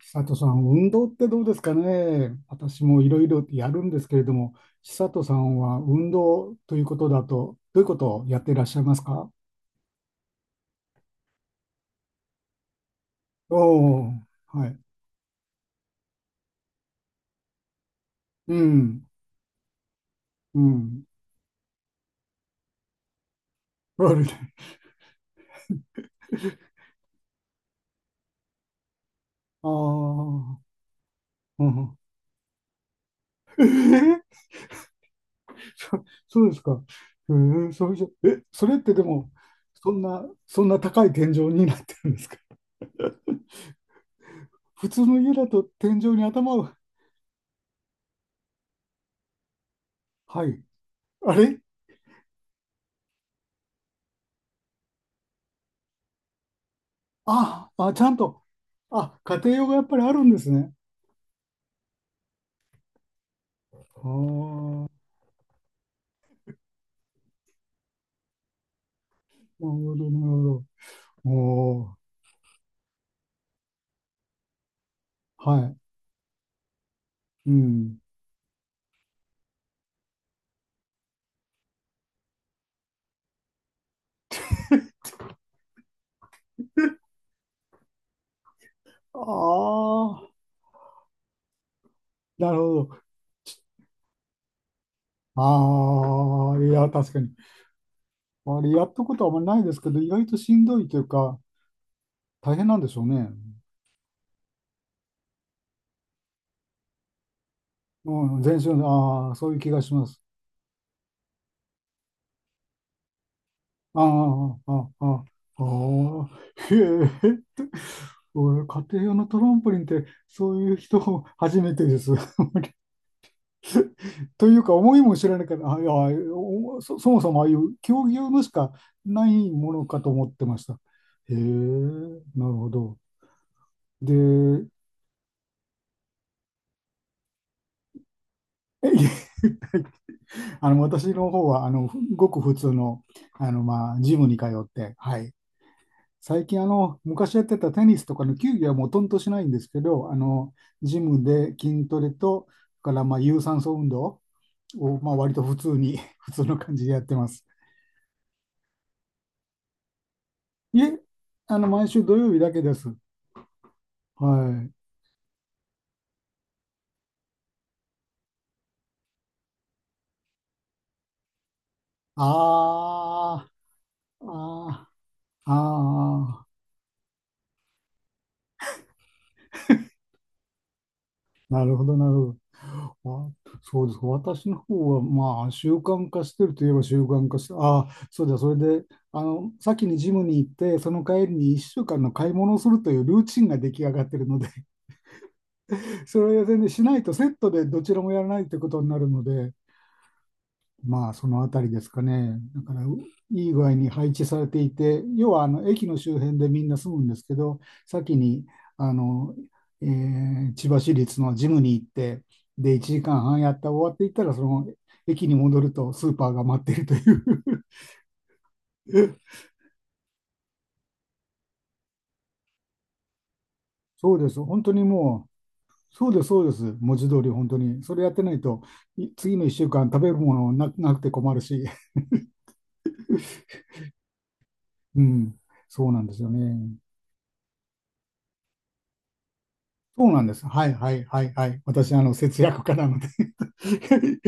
千里さん、運動ってどうですかね。私もいろいろやるんですけれども、千里さんは運動ということだと、どういうことをやっていらっしゃいますか。おおー、はい。うん、うん。あれあー、うん。えーそうですか。それじゃ、それってでも、そんな高い天井になってるんですか？普通の家だと天井に頭を、はい。あれあ、あ、ちゃんと、あ、家庭用がやっぱりあるんですね。ああ、なるほど、なるほど。おおはい。うん。ああ、なるほど。ああ、いや、確かに。あれ、やったことはあんまりないですけど、意外としんどいというか、大変なんでしょうね。うん、全身、ああ、そういう気がします。ああ、ああ、ああ、ああ、へえ、おい家庭用のトランポリンって、そういう人初めてです。というか思いも知らなかった。あ、いや、そもそもああいう競技用のしかないものかと思ってました。へえ、なるほど。で、いえ、私の方はごく普通の、まあジムに通って、はい、最近昔やってたテニスとかの球技はもうとんとしないんですけど、ジムで筋トレとそれからまあ有酸素運動を、まあ、割と普通に 普通の感じでやってます。いえ、毎週土曜日だけです。はい。ああ、ああ、ああ、なるほど、なるほど。あ、そうです。私の方は、まあ、習慣化してるといえば習慣化して、ああ、そうだ、それで、先にジムに行って、その帰りに1週間の買い物をするというルーチンが出来上がってるので、それは全然しないとセットでどちらもやらないということになるので、まあ、そのあたりですかね。だから、いい具合に配置されていて、要はあの駅の周辺でみんな住むんですけど、先にあの、千葉市立のジムに行って、で、1時間半やった終わっていったら、その駅に戻るとスーパーが待っているという。 そうです。本当にもう、そうです、そうです。文字通り、本当に。それやってないと、次の1週間食べるものなくて困るし、うん、そうなんですよね。そうなんです。はいはいはいはい。私、節約家なので、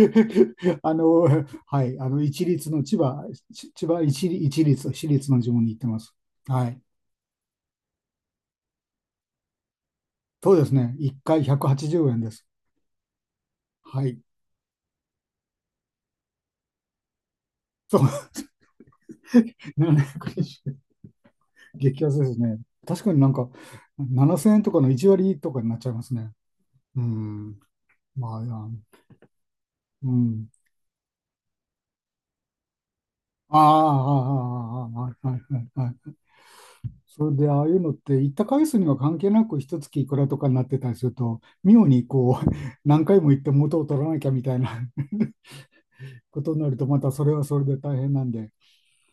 あの、はい、一律の千葉、千葉一律、私立の地方に行ってます。はい。そうですね。1回180円です。はい。そう、720。激安ですね。確かになんか、7000円とかの1割とかになっちゃいますね。うん。まあ、うん。ああ、ああ、ああ、ああ、はいはいはい。それでああいうのって行った回数には関係なく一月いくらとかになってたりすると、妙にこう 何回も行って元を取らなきゃみたいな ことになると、またそれはそれで大変なんで、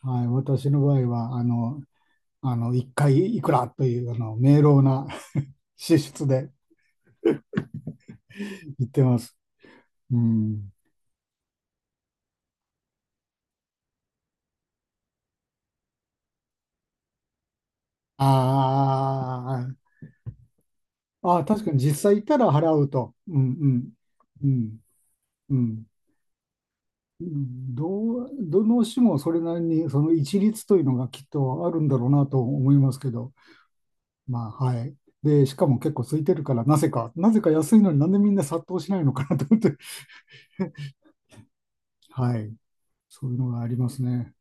はい、私の場合は1回いくらという明朗な 支出で行ってます。うん、あーあー、確かに実際行ったら払うと。うんうんうんうんうん、どの種もそれなりにその一律というのがきっとあるんだろうなと思いますけど、まあはい。で、しかも結構空いてるから、なぜか、なぜか安いのになんでみんな殺到しないのかなと思って、はい。そういうのがありますね。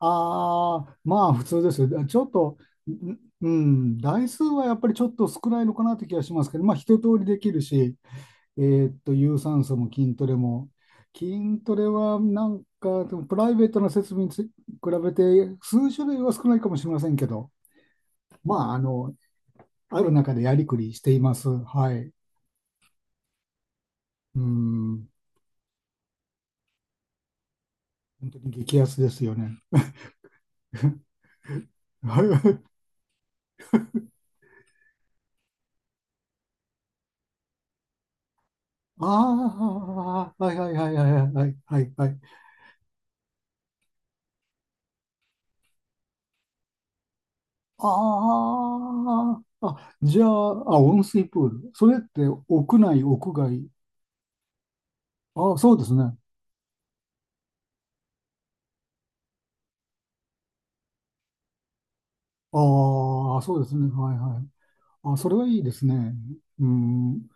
ああ、まあ普通ですよ。ちょっと、台数はやっぱりちょっと少ないのかなって気がしますけど、まあ一通りできるし、有酸素も筋トレも。筋トレはなんか、でもプライベートな設備に比べて数種類は少ないかもしれませんけど、まあ、ある中でやりくりしています。はい。うん。本当に激安ですよね。はい。ああ、はいはいはいはいはいはいはい。ああ、あ、じゃあ、あ、温水プール。それって屋内、屋外？あ、そうですね。ああ、そうですね。はいはい、あ、それはいいですね。うん。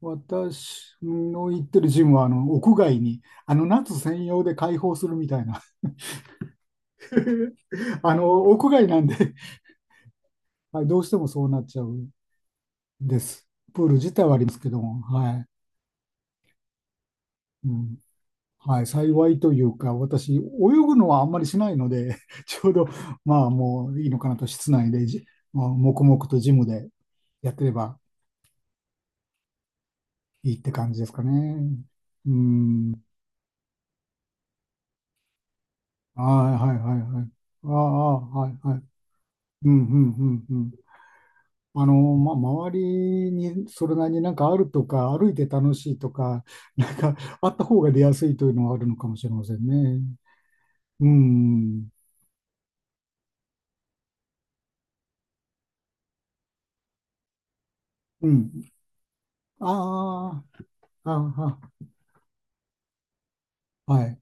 私の行ってるジムは、屋外に、夏専用で開放するみたいな、屋外なんで、はい、どうしてもそうなっちゃうんです。プール自体はありますけども、はい。うん。はい、幸いというか、私、泳ぐのはあんまりしないので、ちょうど、まあ、もういいのかなと、室内でまあ、黙々とジムでやってればいいって感じですかね。うん。ああ、はいはいはい。ああ、はいはい。うん、うん、うん、うん。ま、周りにそれなりになんかあるとか、歩いて楽しいとか、なんかあった方が出やすいというのはあるのかもしれませんね。うん、うん。ああ、ああ、はい。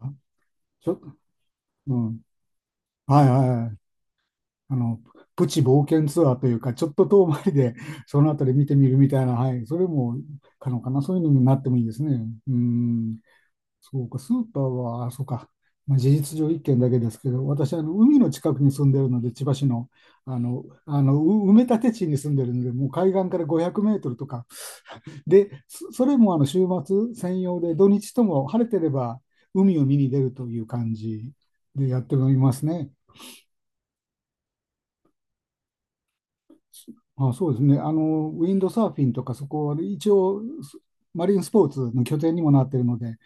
あちょ、うん。はいはいはい。あの、プチ冒険ツアーというか、ちょっと遠回りで、そのあたり見てみるみたいな、はい。それも可能かな。そういうのになってもいいですね。うん。そうか、スーパーは、そうか、まあ、事実上1軒だけですけど、私、海の近くに住んでるので、千葉市の、あの、あのう埋め立て地に住んでるので、もう海岸から500メートルとか、で、それも週末専用で、土日とも晴れてれば海を見に出るという感じでやっておりますね。あ、そうですね、ウィンドサーフィンとか、そこは一応、マリンスポーツの拠点にもなっているので、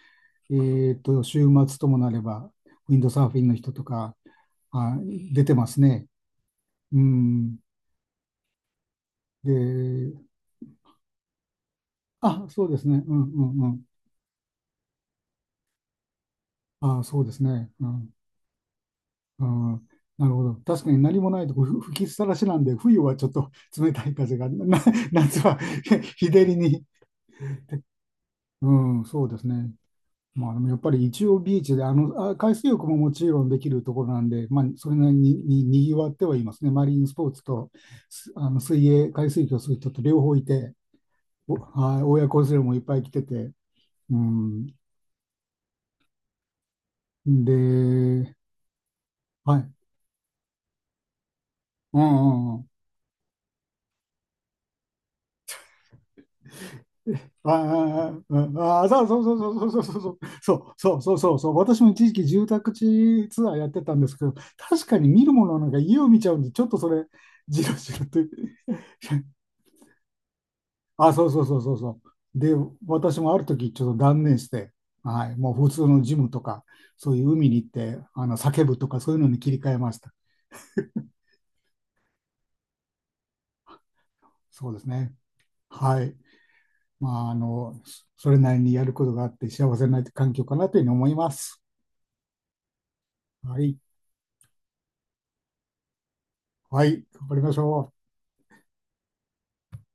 週末ともなれば、ウィンドサーフィンの人とか、あ、出てますね。うん。で、あ、そうですね。うんうんうん。あ、そうですね。うん。うん、なるほど。確かに何もないとこ吹きっさらしなんで、冬はちょっと冷たい風が、な、夏は 日照りに。うん、そうですね。まあ、でもやっぱり一応ビーチで、あ、海水浴ももちろんできるところなんで、まあ、それなりにぎわってはいますね。マリンスポーツと、すあの、水泳、海水浴をする人と両方いて、お、はい、親子連れもいっぱい来てて、うん。で、はい。うんうんうん。ああ、ああ、あ、そうそうそうそうそうそうそうそうそうそうそうそう。私も一時期住宅地ツアーやってたんですけど、確かに見るもの、なんか家を見ちゃうんで、ちょっとそれじろじろと。あ、そうそうそうそうそう。で、私もある時ちょっと断念して、はい、もう普通のジムとか、そういう海に行って、叫ぶとかそういうのに切り替えました。そうですね。はい。まあ、それなりにやることがあって幸せな環境かなというふうに思います。はい。はい。頑張りましょう。